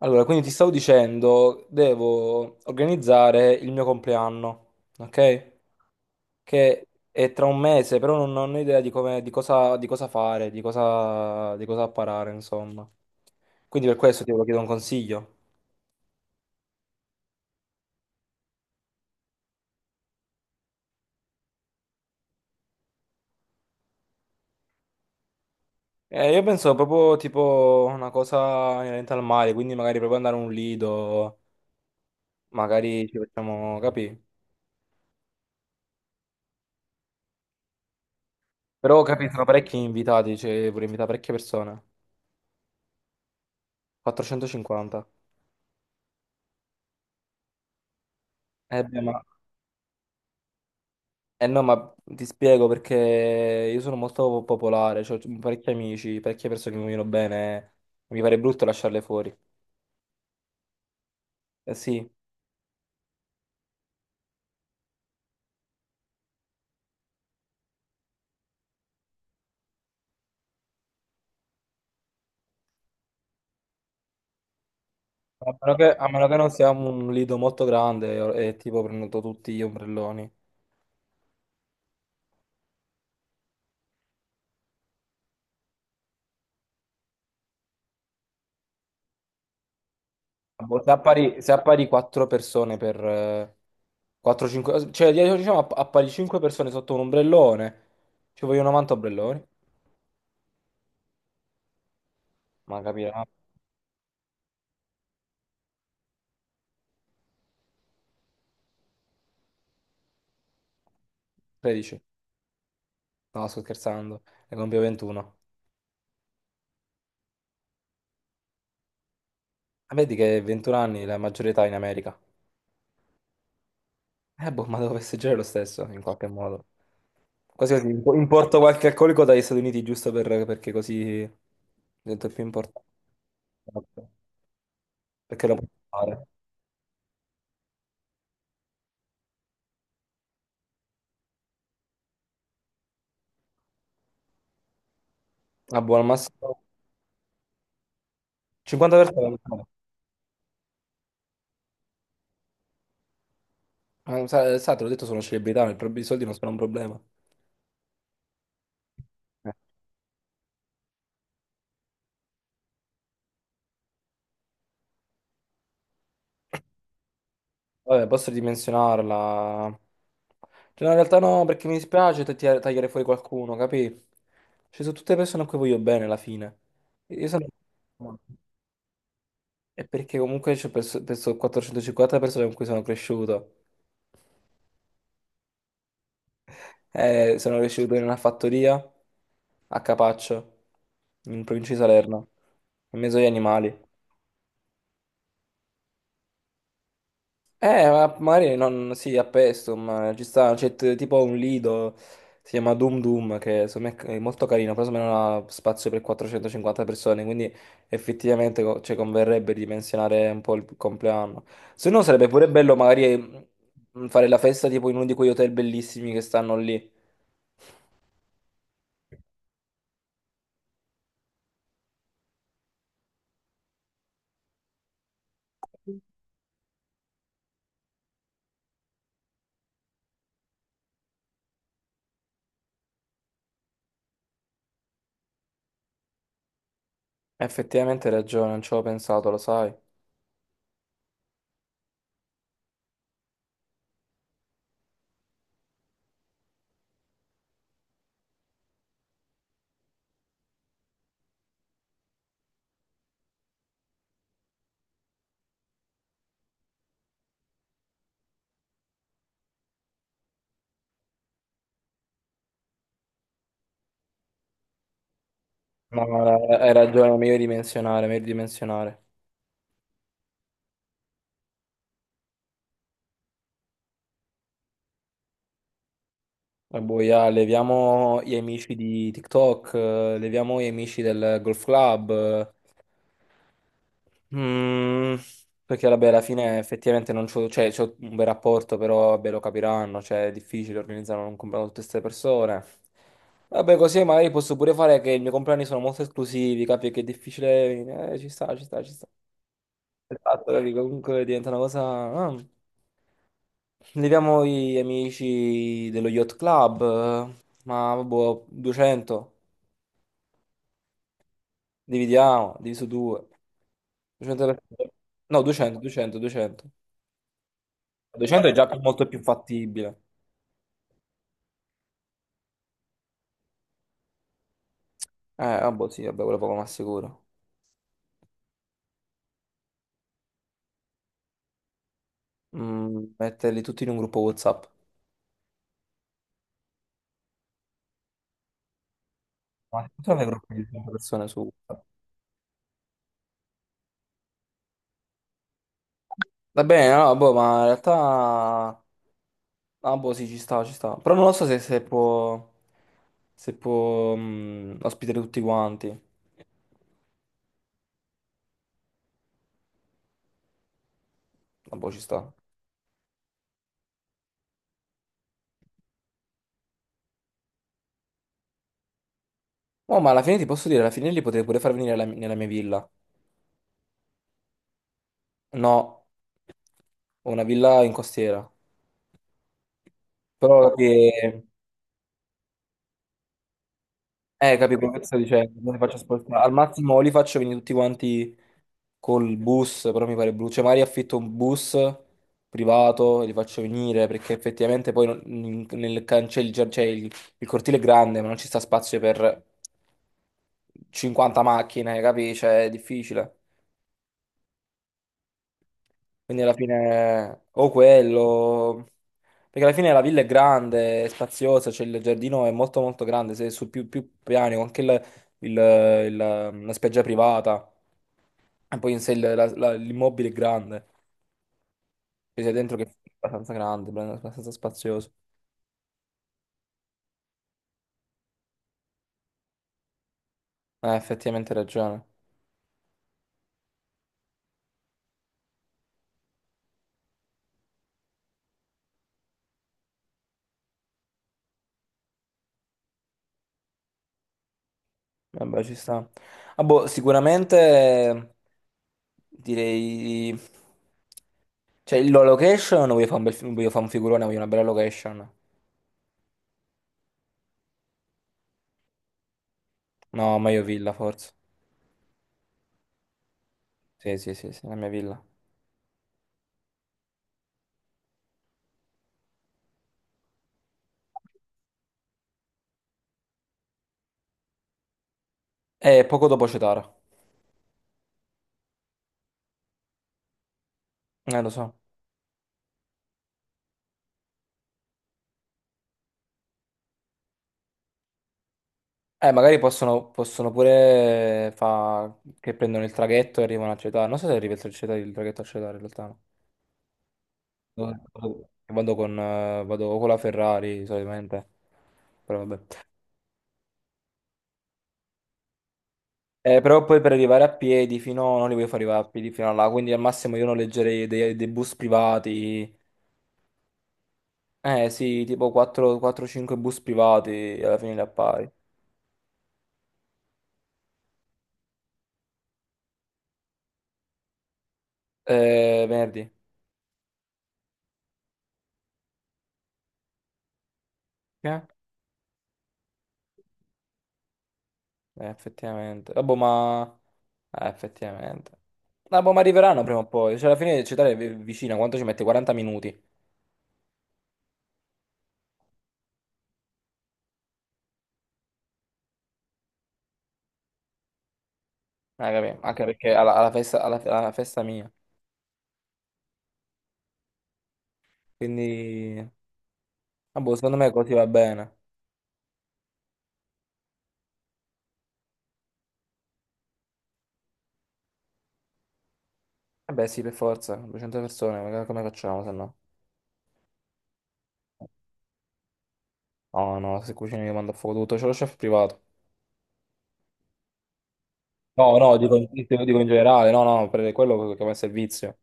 Allora, quindi ti stavo dicendo, devo organizzare il mio compleanno, ok? Che è tra un mese, però non ho idea di come, di cosa fare, di cosa apparare, insomma. Quindi per questo ti volevo chiedere un consiglio. Io penso proprio tipo una cosa inerente al mare, quindi magari proprio andare a un lido, magari ci facciamo, capì? Però capì, sono parecchi invitati, cioè vorrei invitare parecchie persone. 450. Eh beh, ma Eh no, ma ti spiego perché io sono molto popolare, cioè, ho parecchi amici, parecchie persone che mi vogliono bene, mi pare brutto lasciarle fuori. Eh sì, a meno che non siamo un lido molto grande e tipo prendo tutti gli ombrelloni. Boh, se appari 4 persone per 4-5, cioè diciamo appari 5 persone sotto un ombrellone, ci vogliono 90 ombrelloni, ma capirà, 13, no sto scherzando, ne compio 21. Ah, vedi che 21 anni è la maggiore età in America. Boh, ma devo festeggiare lo stesso, in qualche modo. Quasi così, importo qualche alcolico dagli Stati Uniti, giusto perché così diventa più importante. Esatto. Perché lo puoi fare. Ah, buon al massimo 50%. Sa, te l'ho detto, sono celebrità, i soldi non sono un problema. Eh, Vabbè, posso ridimensionarla. Cioè, no, in realtà no, perché mi dispiace tagliare fuori qualcuno, capì? Ci sono tutte persone a cui voglio bene alla fine. Io sono... È perché comunque penso 450 persone con cui sono cresciuto. Sono cresciuto in una fattoria a Capaccio, in provincia di Salerno, in mezzo agli animali. Ma magari non, sì, a Pestum, ma ci sta, c'è tipo un lido, si chiama Doom Doom, che secondo me è molto carino, però secondo me non ha spazio per 450 persone, quindi effettivamente ci converrebbe ridimensionare un po' il compleanno. Se no sarebbe pure bello magari fare la festa tipo in uno di quegli hotel bellissimi che stanno lì. Effettivamente hai ragione, non ci avevo pensato, lo sai. Ma hai ragione, meglio dimensionare, meglio dimensionare. Boia, leviamo gli amici di TikTok, leviamo gli amici del Golf Club, eh. Mm, perché vabbè, alla fine effettivamente non c'ho, cioè, c'ho un bel rapporto, però vabbè, lo capiranno, cioè è difficile organizzare un compleanno con tutte queste persone. Vabbè, così magari posso pure fare che i miei compleanni sono molto esclusivi, capi che è difficile, ci sta, ci sta, ci sta. Esatto, capi? Comunque diventa una cosa... ah. Leviamo gli amici dello Yacht Club, ma boh, 200. Dividiamo, diviso 2. 200%. No, 200, 200, 200. 200 è già molto più fattibile. Vabbè, sì, vabbè, quello poco ma sicuro. Metterli tutti in un gruppo WhatsApp. Ma ci sono dei gruppi di 100 persone su WhatsApp? Va bene, no, boh, ma in realtà... Ah, boh, sì, ci sta, ci sta. Però non lo so se può... Se può ospitare tutti quanti. Ah, boh, ci sta. Oh, ma alla fine ti posso dire, alla fine li potrei pure far venire nella mia villa. No, ho una villa in costiera. Però che, capi quello che ti sto dicendo, non li faccio spostare. Al massimo o li faccio venire tutti quanti col bus, però mi pare brutto. Cioè, magari affitto un bus privato e li faccio venire, perché effettivamente poi nel cancello, cioè il cortile è grande, ma non ci sta spazio per 50 macchine, capi? Cioè, è difficile. Quindi alla fine o quello, perché alla fine la villa è grande, è spaziosa, c'è il giardino è molto molto grande, sei su più piani, con anche il- il- la spiaggia privata, e poi in sé l'immobile è grande, cioè sei dentro che è abbastanza grande, abbastanza spazioso. Effettivamente hai ragione, vabbè ci sta. Ah, boh, sicuramente direi... Cioè, la location, voglio fare un figurone, voglio una bella location. No, meglio villa, forse. Sì, sì, sì, sì, la mia villa. E poco dopo Cetara. Lo so. Magari possono pure fa che prendono il traghetto e arrivano a Cetara. Non so se arriva il traghetto a Cetara, in realtà. No. Vado con la Ferrari, solitamente. Però vabbè. Però poi per arrivare a piedi fino... No, non li voglio far arrivare a piedi fino a là, quindi al massimo io noleggerei dei bus privati. Eh sì, tipo 4-5 bus privati, alla fine li appari. Venerdì. Che? Effettivamente. Vabbè, ma... effettivamente. Vabbè, ma arriveranno prima o poi. Cioè, alla fine Città è vicina. Quanto ci mette? 40 minuti. Capì? Anche perché alla festa, alla festa mia. Quindi... Vabbè, secondo me così va bene. Vabbè, sì, per forza. 200 persone, ma come facciamo, se no? No, no, se cucini io mando a fuoco tutto. C'è lo chef privato. No, no, dico in generale. No, no, per quello che va in servizio.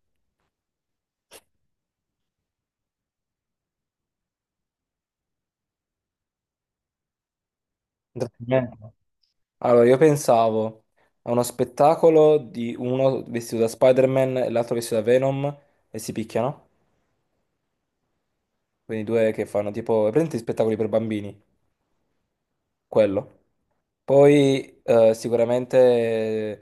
Intrattenimento. Allora, io pensavo a uno spettacolo di uno vestito da Spider-Man e l'altro vestito da Venom e si picchiano. Quindi due che fanno tipo, prendi spettacoli per bambini, quello. Poi sicuramente eh,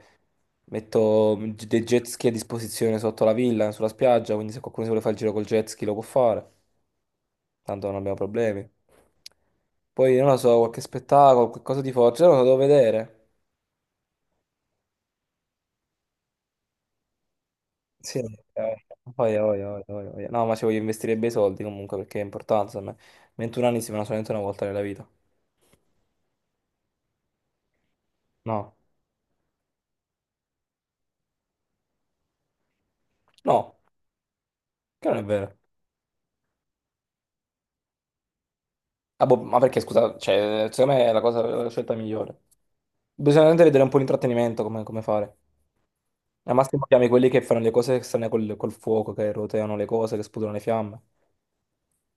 metto dei jet ski a disposizione sotto la villa, sulla spiaggia, quindi se qualcuno si vuole fare il giro col jet ski lo può fare, tanto non abbiamo problemi. Poi non lo so, qualche spettacolo, qualcosa di forte, non lo so, devo vedere. Sì, voglia, voglia, voglia, voglia, voglia. No, ma ci voglio investire bei soldi comunque perché è importante, insomma. 21 anni si fanno solamente una volta nella vita. No, no, che non è vero. Ah, boh, ma perché, scusa, cioè, secondo me è la cosa, la scelta migliore. Bisogna veramente vedere un po' l'intrattenimento, come fare. Al massimo chiami quelli che fanno le cose strane col fuoco, che roteano le cose, che sputano le fiamme.